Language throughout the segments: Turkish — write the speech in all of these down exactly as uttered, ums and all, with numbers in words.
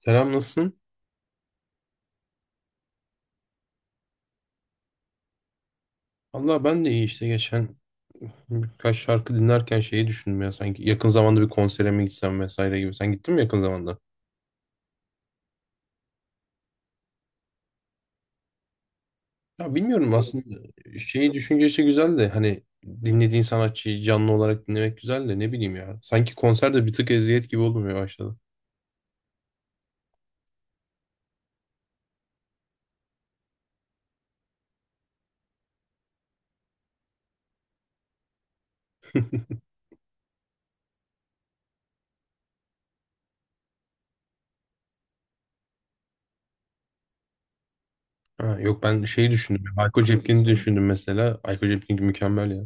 Selam, nasılsın? Allah ben de iyi işte, geçen birkaç şarkı dinlerken şeyi düşündüm ya, sanki yakın zamanda bir konsere mi gitsem vesaire gibi. Sen gittin mi yakın zamanda? Ya bilmiyorum aslında, şeyi düşüncesi güzel de hani dinlediğin sanatçıyı canlı olarak dinlemek güzel de, ne bileyim ya. Sanki konserde bir tık eziyet gibi olmaya başladı. Ha, yok, ben şeyi düşündüm. Ayko Cepkin'i düşündüm mesela. Ayko Cepkin mükemmel ya.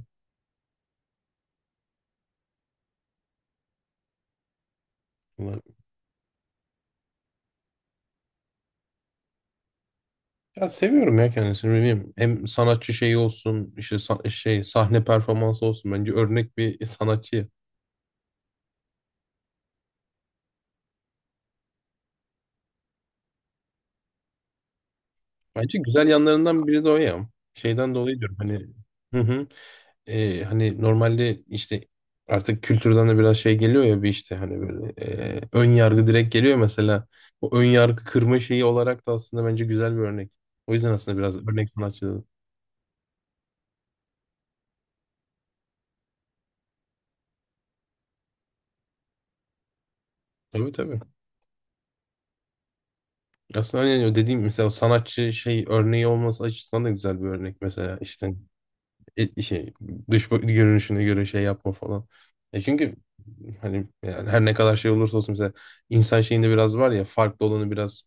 Ya seviyorum ya kendisini, ne bileyim. Hem sanatçı şeyi olsun, işte sa- şey sahne performansı olsun. Bence örnek bir sanatçı. Bence güzel yanlarından biri de o ya. Şeyden dolayı diyorum hani. Hı hı. Ee, hani normalde işte artık kültürden de biraz şey geliyor ya, bir işte hani böyle e, ön yargı direkt geliyor mesela. O ön yargı kırma şeyi olarak da aslında bence güzel bir örnek. O yüzden aslında biraz örnek sanatçı dedim. Tabii, tabii. Aslında hani o dediğim mesela, o sanatçı şey örneği olması açısından da güzel bir örnek mesela işte. et- şey dış bak- görünüşüne göre şey yapma falan. E çünkü hani yani her ne kadar şey olursa olsun mesela, insan şeyinde biraz var ya, farklı olanı biraz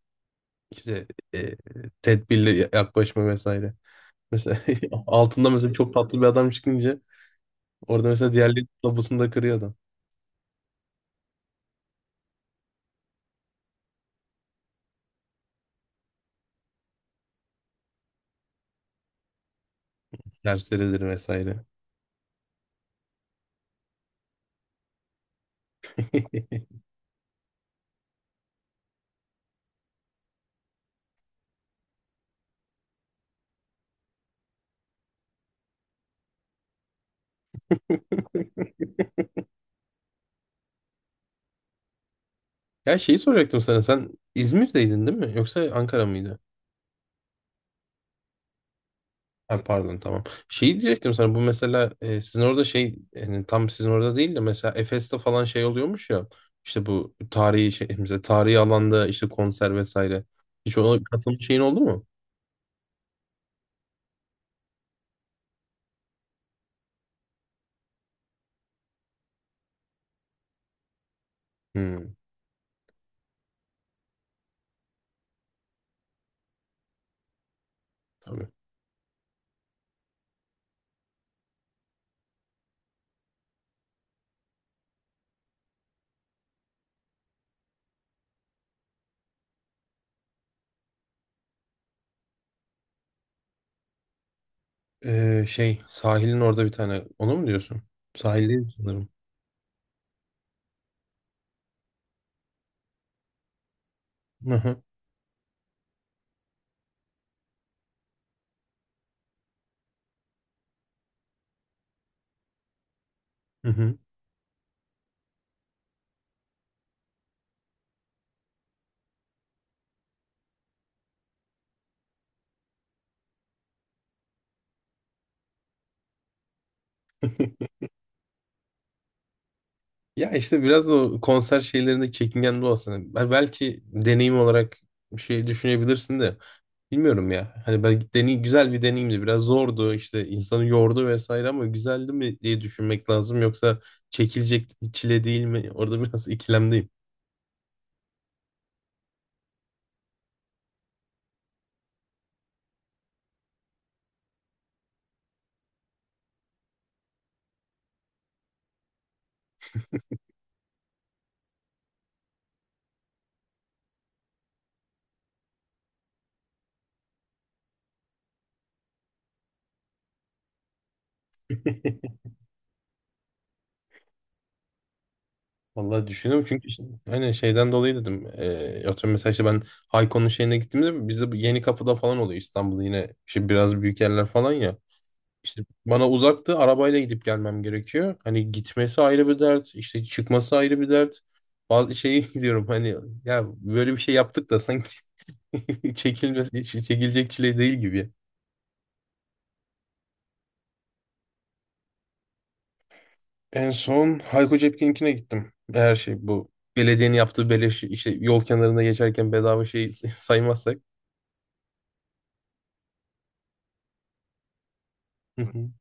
işte e, tedbirli ya- yaklaşma vesaire. Mesela altında mesela çok tatlı bir adam çıkınca, orada mesela diğerleri tabusunu da kırıyor adam. Serseridir vesaire. Ya şeyi soracaktım sana, sen İzmir'deydin değil mi? Yoksa Ankara mıydı? Ha, pardon, tamam. Şey diyecektim sana, bu mesela e, sizin orada şey, yani tam sizin orada değil de mesela Efes'te falan şey oluyormuş ya, işte bu tarihi şey mesela tarihi alanda işte konser vesaire. Hiç ona katılmış şeyin oldu mu? Hmm, tabii. Ee, şey, sahilin orada bir tane, onu mu diyorsun? Sahil sanırım. Hı hı. Hı hı. Ya işte biraz da o konser şeylerinde çekingen de olsana. Belki deneyim olarak bir şey düşünebilirsin de. Bilmiyorum ya. Hani belki deney güzel bir deneyimdi. Biraz zordu işte, insanı yordu vesaire, ama güzeldi mi diye düşünmek lazım. Yoksa çekilecek çile değil mi? Orada biraz ikilemdeyim. Vallahi düşünüyorum çünkü işte, hani şeyden dolayı dedim. Eee atıyorum mesela işte ben Hayko'nun şeyine gittiğimde, bizde bu yeni kapıda falan oluyor İstanbul'da, yine işte biraz büyük yerler falan ya. İşte bana uzaktı, arabayla gidip gelmem gerekiyor. Hani gitmesi ayrı bir dert, işte çıkması ayrı bir dert. Bazı şeyi diyorum hani, ya böyle bir şey yaptık da sanki. Çekilmesi, çekilecek çile değil gibi. En son Hayko Cepkin'inkine gittim. Her şey bu. Belediyenin yaptığı beleş, işte yol kenarında geçerken bedava şey, saymazsak. Hı hı,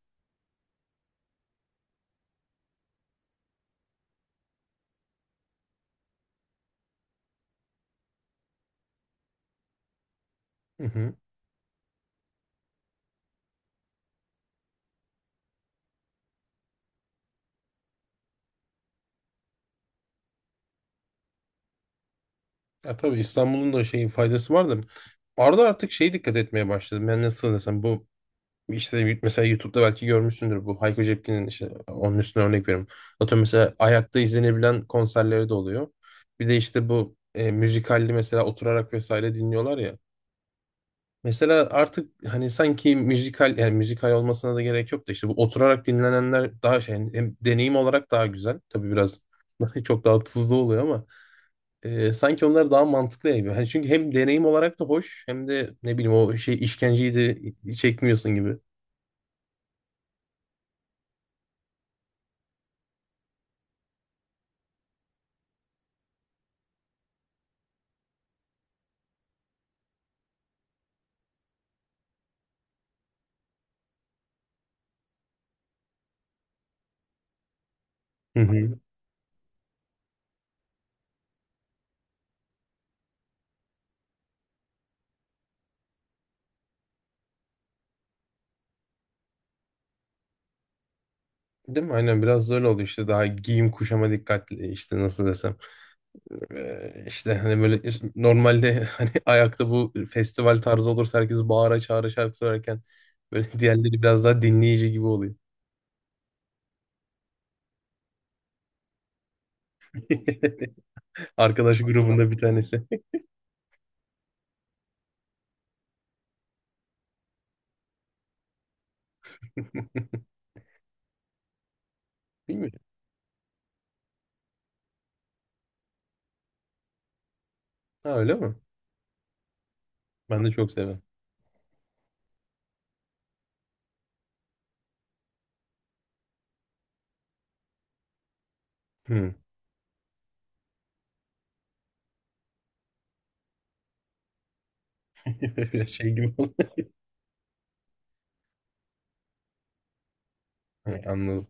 hı hı. Ya tabii İstanbul'un da şeyin faydası var da. Arada artık şey dikkat etmeye başladım. Ben nasıl desem, bu işte mesela YouTube'da belki görmüşsündür, bu Hayko Cepkin'in işte onun üstüne örnek veriyorum. Atıyorum mesela ayakta izlenebilen konserleri de oluyor. Bir de işte bu e, müzikalli mesela oturarak vesaire dinliyorlar ya. Mesela artık hani sanki müzikal, yani müzikal olmasına da gerek yok da, işte bu oturarak dinlenenler daha şey hani, hem deneyim olarak daha güzel. Tabii biraz çok daha tuzlu oluyor ama e, sanki onlar daha mantıklı gibi. Hani çünkü hem deneyim olarak da hoş hem de ne bileyim, o şey işkenceyi de çekmiyorsun gibi. Hı hı. Değil mi? Aynen, biraz da öyle oluyor işte, daha giyim kuşama dikkatli işte, nasıl desem. Ee, işte hani böyle işte, normalde hani ayakta bu festival tarzı olursa herkes bağıra çağıra şarkı söylerken, böyle diğerleri biraz daha dinleyici gibi oluyor. Arkadaş grubunda bir tanesi. Bilmiyorum. Ha, öyle mi? Ben de çok severim. Hmm. Biraz şey gibi oldu. Ha, anladım.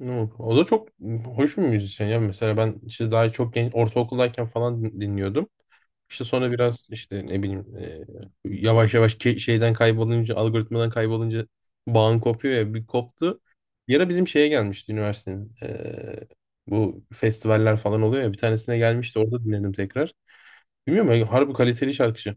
No. O da çok hoş bir müzisyen ya. Mesela ben işte daha çok genç, ortaokuldayken falan din- dinliyordum. İşte sonra biraz işte ne bileyim e, yavaş yavaş ke- şeyden kaybolunca, algoritmadan kaybolunca bağın kopuyor ya, bir koptu. Bir ara bizim şeye gelmişti üniversitenin. E, bu festivaller falan oluyor ya, bir tanesine gelmişti, orada dinledim tekrar. Bilmiyorum ya, harbi kaliteli şarkıcı.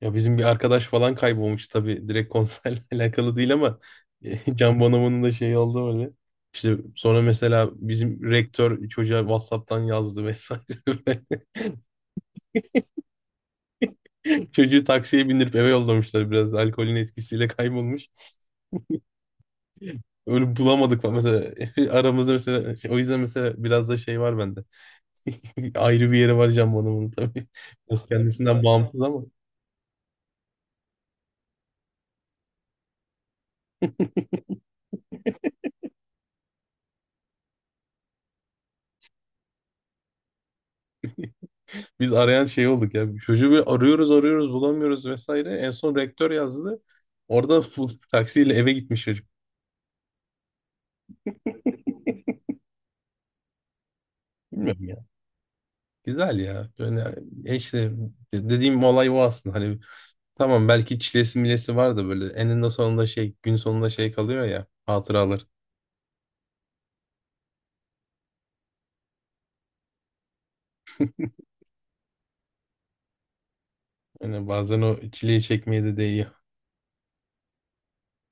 Ya bizim bir arkadaş falan kaybolmuş, tabii direkt konserle alakalı değil ama e, Can Bonomo'nun da şeyi oldu öyle. İşte sonra mesela bizim rektör çocuğa WhatsApp'tan yazdı vesaire. Çocuğu taksiye bindirip eve yollamışlar, biraz da alkolün etkisiyle kaybolmuş. Öyle bulamadık falan mesela, aramızda mesela şey- o yüzden mesela biraz da şey var bende. Ayrı bir yeri var Can Bonomo'nun tabii. Biraz kendisinden bağımsız ama. Biz arayan şey olduk ya. Çocuğu bir arıyoruz arıyoruz bulamıyoruz vesaire. En son rektör yazdı. Orada bulup taksiyle eve gitmiş çocuk. Bilmiyorum ya. Güzel ya. Yani e işte dediğim olay o aslında. Hani tamam, belki çilesi milesi var da, böyle eninde sonunda şey, gün sonunda şey kalıyor ya, hatıralar. Yani bazen o çileyi çekmeye de değiyor.